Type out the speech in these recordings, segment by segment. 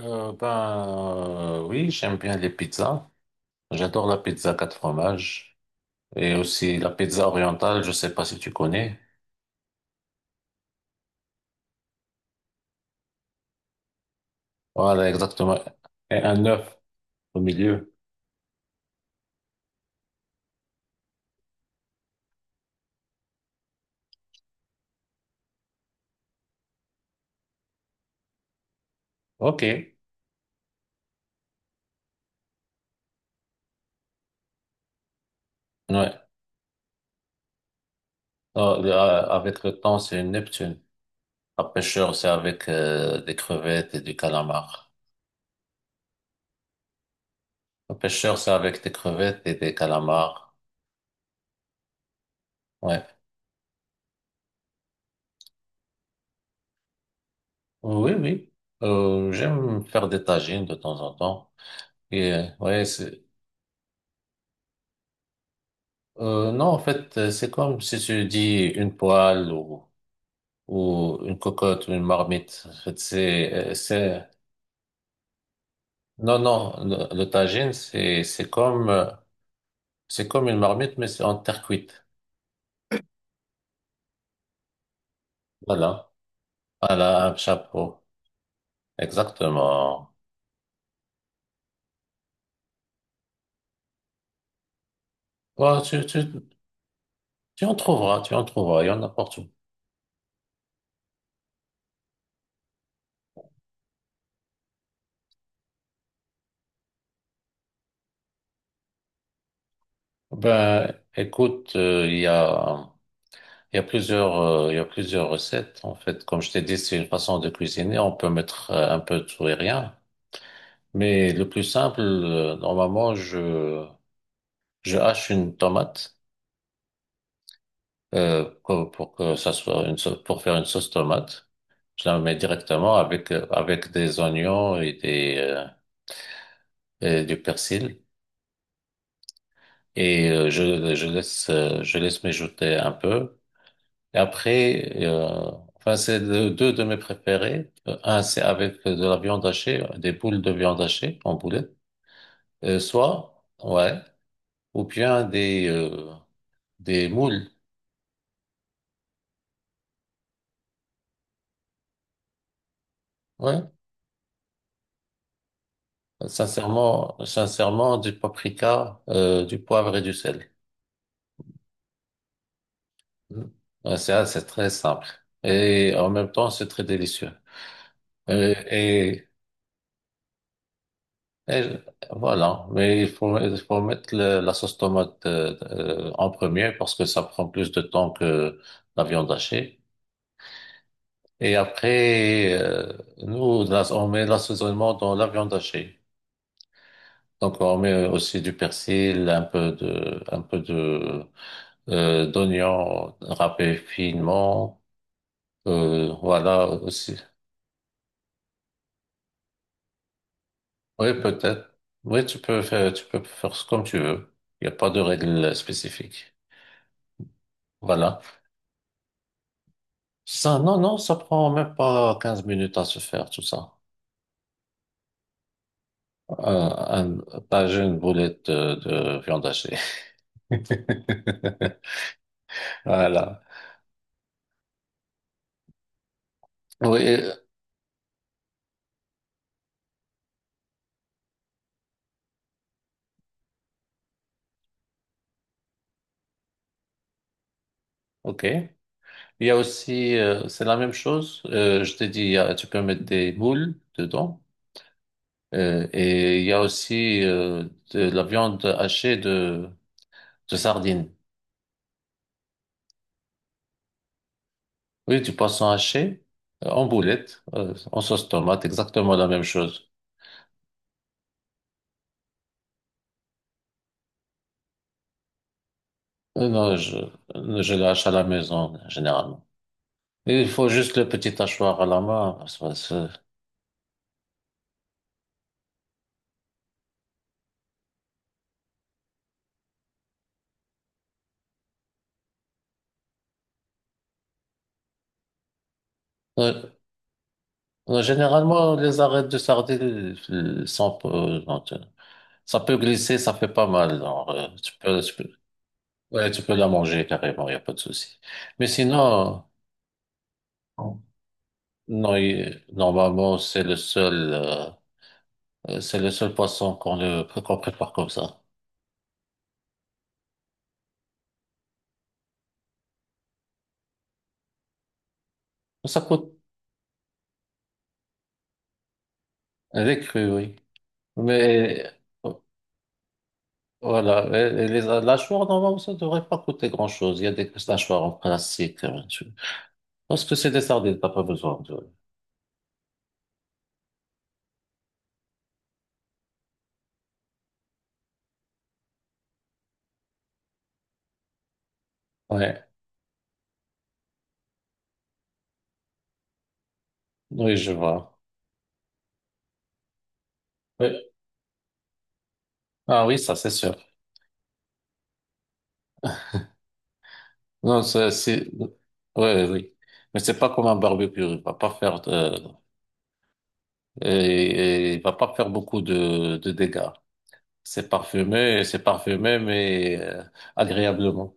Oui, j'aime bien les pizzas. J'adore la pizza quatre fromages et aussi la pizza orientale, je sais pas si tu connais. Voilà, exactement. Et un œuf au milieu. OK. Ouais. Avec le temps, c'est une Neptune. La pêcheur, c'est avec des crevettes et du calamar. La pêcheur, c'est avec des crevettes et des calamars. Ouais. Oui, oui. J'aime faire des tagines de temps en temps. Et ouais, c'est non, en fait, c'est comme si tu dis une poêle ou une cocotte ou une marmite. En fait, c'est, Non, non, le tagine, c'est comme, c'est comme une marmite, mais c'est en terre cuite. Voilà. Voilà, un chapeau. Exactement. Bon, tu, tu, Tu en trouveras, tu en trouveras, il y en a partout. Écoute, il y a, il y a plusieurs recettes. En fait, comme je t'ai dit, c'est une façon de cuisiner. On peut mettre un peu de tout et rien. Mais le plus simple, normalement, je hache une tomate pour que ça soit une sauce, pour faire une sauce tomate. Je la mets directement avec avec des oignons et des et du persil et je laisse mijoter un peu. Et après, euh, enfin c'est deux de mes préférés. Un c'est avec de la viande hachée, des boules de viande hachée en boulet, Euh, soit ouais, ou bien des moules. Ouais. Sincèrement, sincèrement, du paprika, du poivre et du sel. Mm. Ouais, C'est ah, c'est très simple. Et en même temps, c'est très délicieux. Euh, Et, et voilà. Mais il faut mettre la sauce tomate en premier parce que ça prend plus de temps que la viande hachée. Et après, euh, Nous, on met l'assaisonnement dans la viande hachée. Donc, on met aussi du persil, un peu de d'oignons râpés finement. Voilà aussi. Oui, peut-être. Oui, tu peux faire ce comme tu veux. Il n'y a pas de règle spécifique. Voilà. Ça, non, non, ça prend même pas 15 minutes à se faire, tout ça. Un, pas une boulette de viande hachée. Voilà. Oui, ok. Il y a aussi, c'est la même chose. Je t'ai dit, tu peux mettre des moules dedans. Et il y a aussi de la viande hachée de sardines. Oui, du poisson haché en boulette, en sauce tomate, exactement la même chose. Non, je le hache à la maison, généralement. Et il faut juste le petit hachoir à la main. Parce que Euh, généralement, les arêtes de sardines sont, non, ça peut glisser, ça fait pas mal. Genre, tu peux, ouais, tu peux la manger carrément, il n'y a pas de souci. Mais sinon... Non, normalement, c'est le seul poisson qu'on prépare comme ça. Ça coûte, elle est crue, oui. Mais, euh, voilà, et les mâchoires, normalement, ça devrait pas coûter grand-chose. Il y a des mâchoires en plastique. Parce que c'est des sardines, t'as pas besoin de... Ouais, oui, je vois. Oui. Ah oui, ça, c'est sûr. Non, c'est, ouais, Oui. Oui. Mais c'est pas comme un barbecue. Il va pas faire de, et, et il va pas faire beaucoup de dégâts. C'est parfumé, mais agréablement.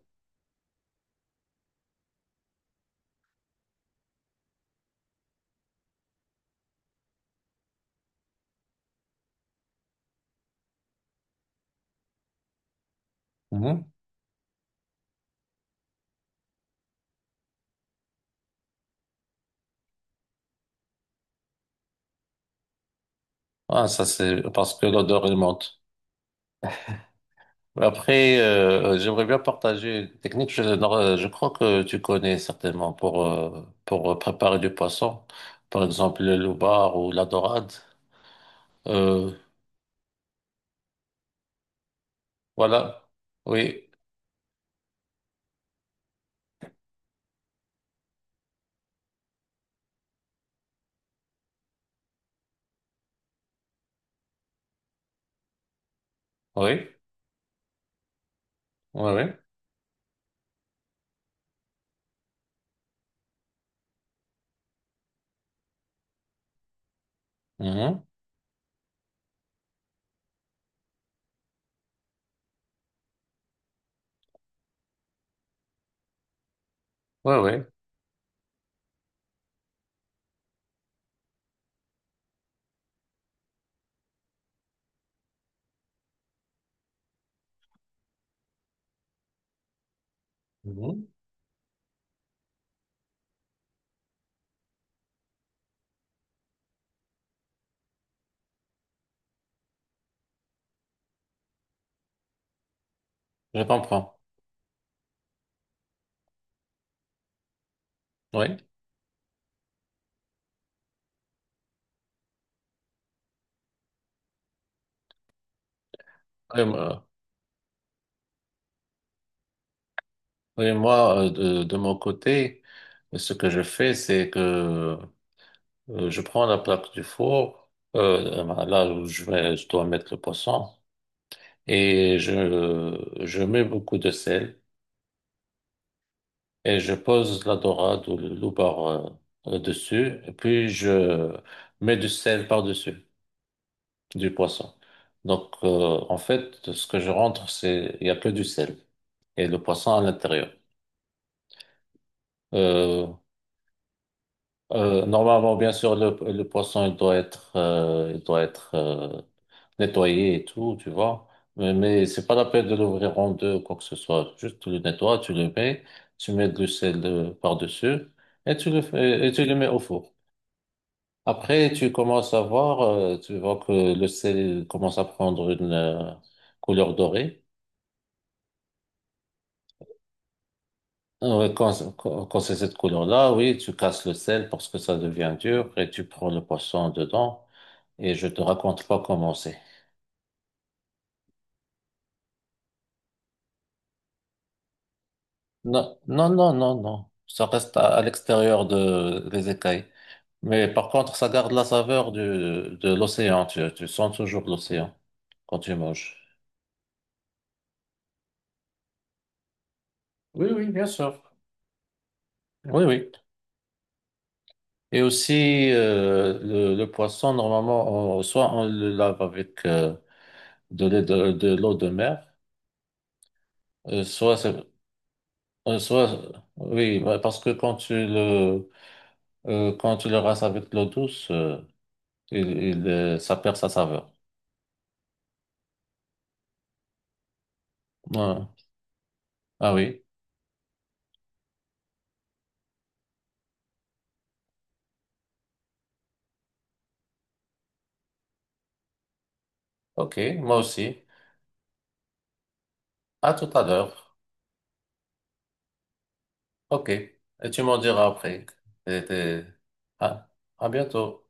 Mhm. Ah, ça c'est parce que l'odeur elle monte. Après, j'aimerais bien partager une technique. Je, non, je crois que tu connais certainement pour préparer du poisson, par exemple le loubar ou la dorade. Euh, voilà. Oui, oui, oui, oui, mhm, oui, oui. Mhm. Je comprends. Oui. Et, moi, oui, Moi, de mon côté. Ce que je fais, c'est que je prends la plaque du four, voilà, là où je vais, je dois mettre le poisson, et je mets beaucoup de sel, et je pose la dorade ou le loubar dessus, et puis je mets du sel par-dessus, du poisson. Donc, en fait, ce que je rentre, c'est, il n'y a que du sel, et le poisson à l'intérieur. Euh, Normalement, bien sûr, le poisson, il doit être nettoyé et tout, tu vois. Mais c'est pas la peine de l'ouvrir en deux ou quoi que ce soit. Juste, tu le nettoies, tu le mets, tu mets du sel par-dessus et tu le fais, et tu le mets au four. Après, tu commences à voir, tu vois que le sel commence à prendre une couleur dorée. Quand c'est cette couleur-là, oui, tu casses le sel parce que ça devient dur et tu prends le poisson dedans. Et je te raconte pas comment c'est. Non, non, non, non, non. Ça reste à l'extérieur de, des écailles. Mais par contre, ça garde la saveur du, de l'océan. Tu sens toujours l'océan quand tu manges. Oui, oui, bien sûr. Oui, oui. Et aussi, le poisson, normalement, soit on le lave avec de l'eau de mer, euh, soit, c'est- euh, soit, oui, bah, parce que quand tu le rinces avec de l'eau douce, ça perd sa saveur. Ouais. Ah oui, ok, moi aussi. À tout à l'heure. Ok, et tu m'en diras après. T'es- t'es- Ah, à bientôt.